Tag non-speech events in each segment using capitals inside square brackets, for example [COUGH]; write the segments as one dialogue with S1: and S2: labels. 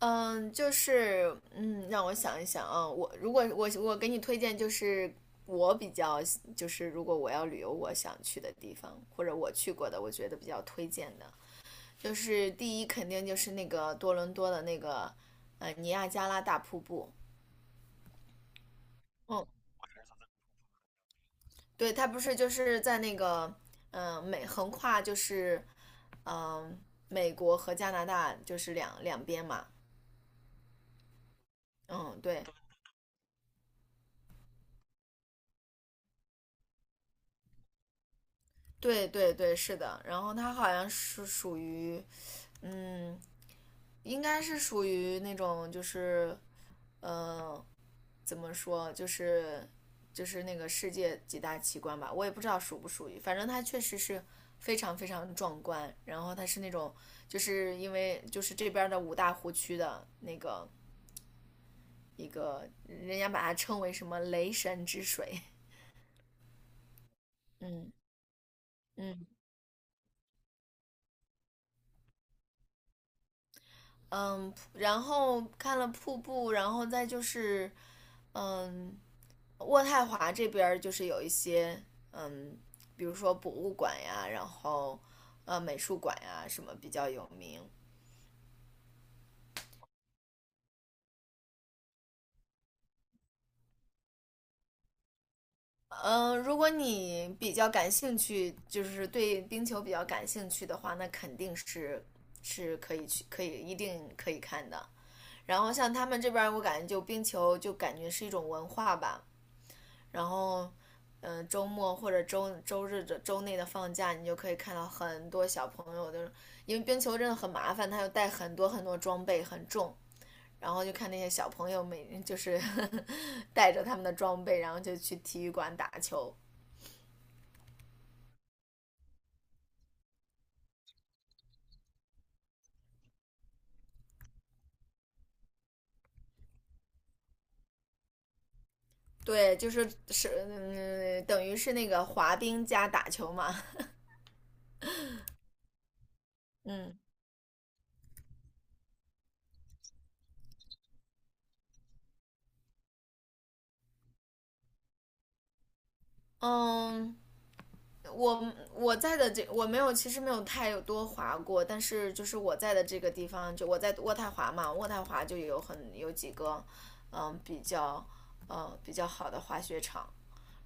S1: 让我想一想啊。我如果我给你推荐，就是我比较就是如果我要旅游，我想去的地方，或者我去过的，我觉得比较推荐的，就是第一肯定就是那个多伦多的那个尼亚加拉大瀑布。嗯，对，它不是就是在那个嗯、呃美横跨就是嗯、呃美国和加拿大就是两边嘛。嗯，对对对对，是的。然后它好像是属于。嗯，应该是属于那种就是呃，怎么说，就是那个世界几大奇观吧，我也不知道属不属于，反正它确实是非常非常壮观。然后它是那种就是因为就是这边的五大湖区的那个一个，人家把它称为什么雷神之水 [LAUGHS]，嗯嗯。嗯，然后看了瀑布，然后再就是，嗯，渥太华这边就是有一些，嗯，比如说博物馆呀，然后美术馆呀什么比较有名。嗯，如果你比较感兴趣，就是对冰球比较感兴趣的话，那肯定是可以去，一定可以看的。然后像他们这边我感觉就冰球就感觉是一种文化吧，然后，周末或者周日的周内的放假，你就可以看到很多小朋友，就是因为冰球真的很麻烦，他要带很多很多装备，很重。然后就看那些小朋友每 [LAUGHS] 就是呵呵带着他们的装备，然后就去体育馆打球。对，就是，等于是那个滑冰加打球嘛。[LAUGHS] 嗯嗯，我在的这我没有，其实没有太多滑过，但是就是我在的这个地方，就我在渥太华嘛，渥太华就有很有几个，比较比较好的滑雪场，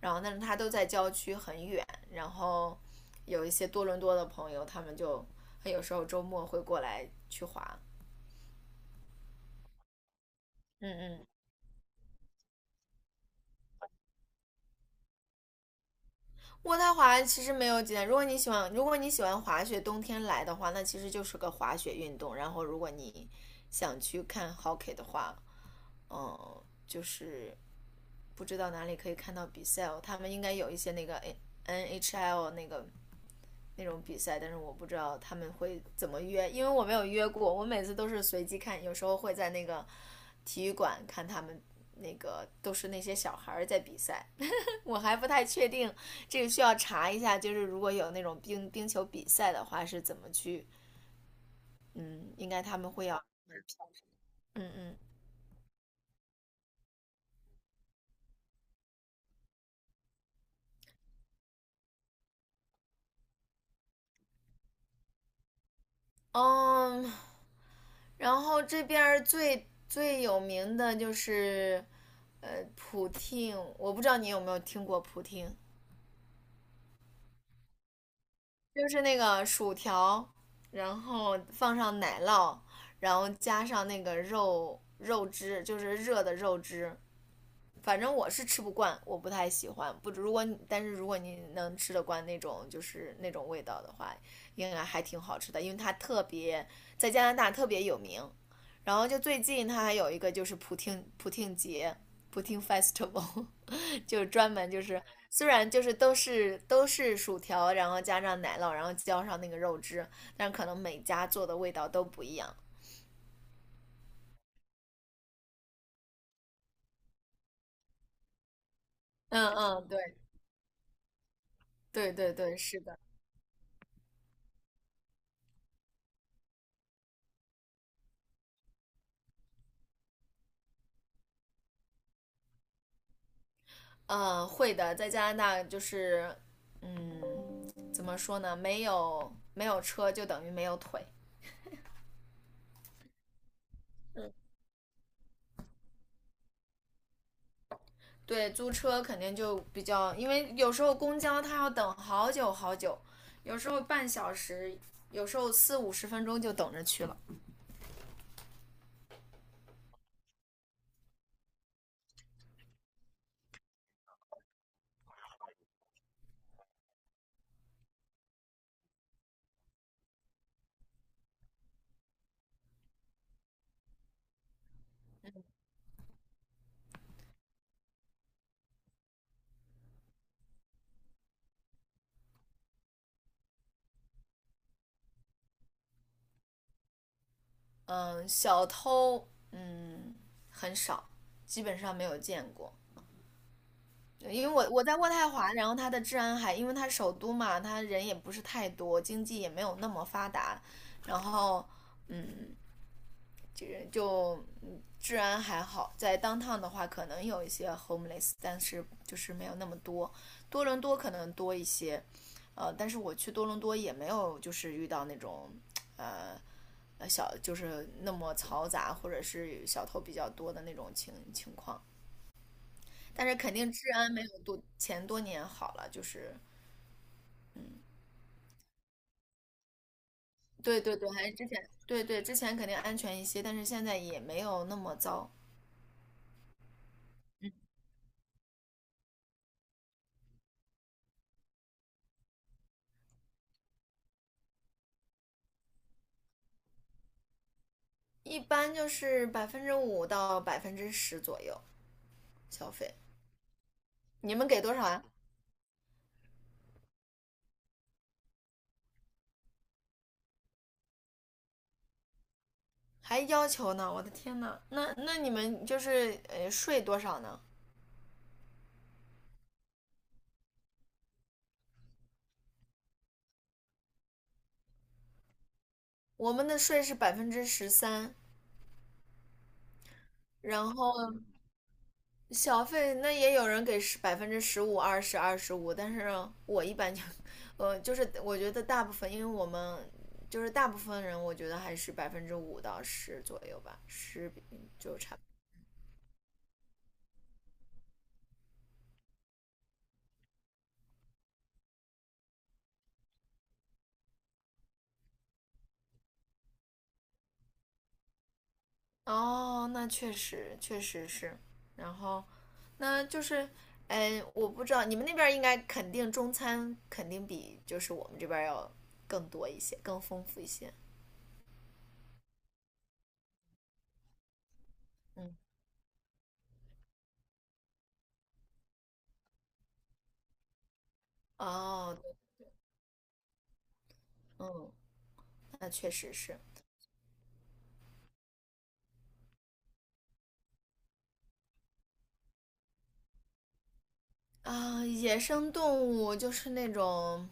S1: 然后但是它都在郊区很远，然后有一些多伦多的朋友，他们就有时候周末会过来去滑，嗯嗯，渥太华其实没有几点，如果你喜欢滑雪，冬天来的话，那其实就是个滑雪运动。然后，如果你想去看 hockey 的话，就是不知道哪里可以看到比赛哦。他们应该有一些那个 NHL 那个那种比赛，但是我不知道他们会怎么约，因为我没有约过。我每次都是随机看，有时候会在那个体育馆看他们那个都是那些小孩在比赛。我还不太确定，这个需要查一下。就是如果有那种冰球比赛的话，是怎么去？嗯，应该他们会要，嗯嗯嗯。然后这边儿最有名的就是，普汀，我不知道你有没有听过普汀，就是那个薯条，然后放上奶酪，然后加上那个肉汁，就是热的肉汁，反正我是吃不惯，我不太喜欢。不，但是如果你能吃得惯那种就是那种味道的话，应该还挺好吃的，因为它特别在加拿大特别有名。然后就最近它还有一个就是普听节普听 festival，[LAUGHS] 就是专门就是虽然就是都是薯条，然后加上奶酪，然后浇上那个肉汁，但是可能每家做的味道都不一样。嗯嗯，对对对对，是的。嗯，会的，在加拿大就是，嗯，怎么说呢？没有车就等于没有腿。对，租车肯定就比较，因为有时候公交它要等好久好久，有时候半小时，有时候四五十分钟就等着去了。嗯，小偷，很少，基本上没有见过。因为我在渥太华，然后它的治安还，因为它首都嘛，它人也不是太多，经济也没有那么发达，然后嗯，这个就治安还好。在 downtown 的话，可能有一些 homeless，但是就是没有那么多。多伦多可能多一些，但是我去多伦多也没有就是遇到那种呃小就是那么嘈杂或者是小偷比较多的那种况。但是肯定治安没有多年好了，就是对对对，还是之前之前肯定安全一些，但是现在也没有那么糟，一般就是百分之五到百分之十左右消费。你们给多少啊？还要求呢？我的天呐，那那你们就是税多少呢？我们的税是13%，然后小费那也有人给15%、二十、25，但是我一般就，就是我觉得大部分，因为我们就是大部分人，我觉得还是百分之五到十左右吧，十比哦，那确实确实是，然后那就是，哎，我不知道你们那边应该肯定中餐肯定比就是我们这边要更多一些，更丰富一些，嗯，哦，对嗯，那确实是。啊，野生动物就是那种，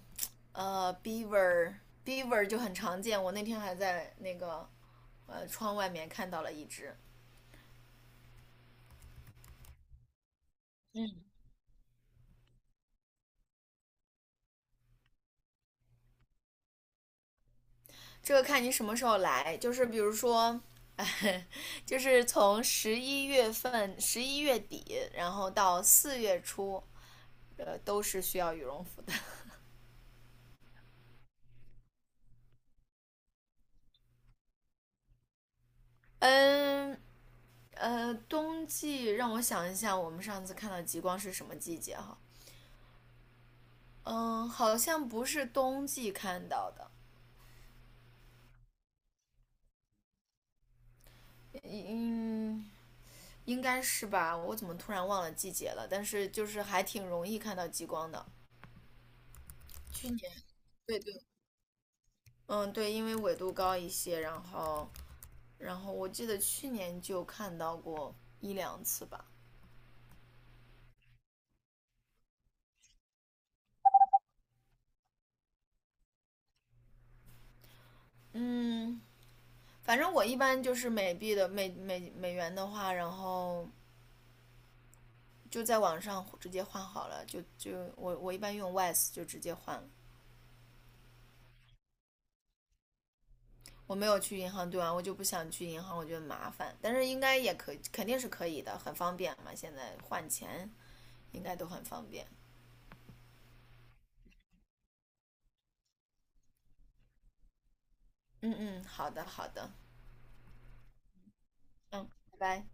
S1: 呃，beaver beaver 就很常见。我那天还在那个，窗外面看到了一只。这个看你什么时候来，就是比如说，[LAUGHS] 哎就是从11月份、11月底，然后到4月初，都是需要羽绒服的。[LAUGHS] 嗯冬季让我想一下，我们上次看到极光是什么季节哈？嗯，好像不是冬季看到的，嗯，应该是吧？我怎么突然忘了季节了？但是就是还挺容易看到极光的。去年，对对，嗯，对，因为纬度高一些，然后，然后我记得去年就看到过一两次吧。嗯，反正我一般就是美元的话，然后就在网上直接换好了，就我一般用 Wise 就直接换了。我没有去银行兑完，我就不想去银行，我觉得麻烦。但是应该也可以，肯定是可以的，很方便嘛。现在换钱应该都很方便。嗯嗯，好的好的，嗯，拜拜。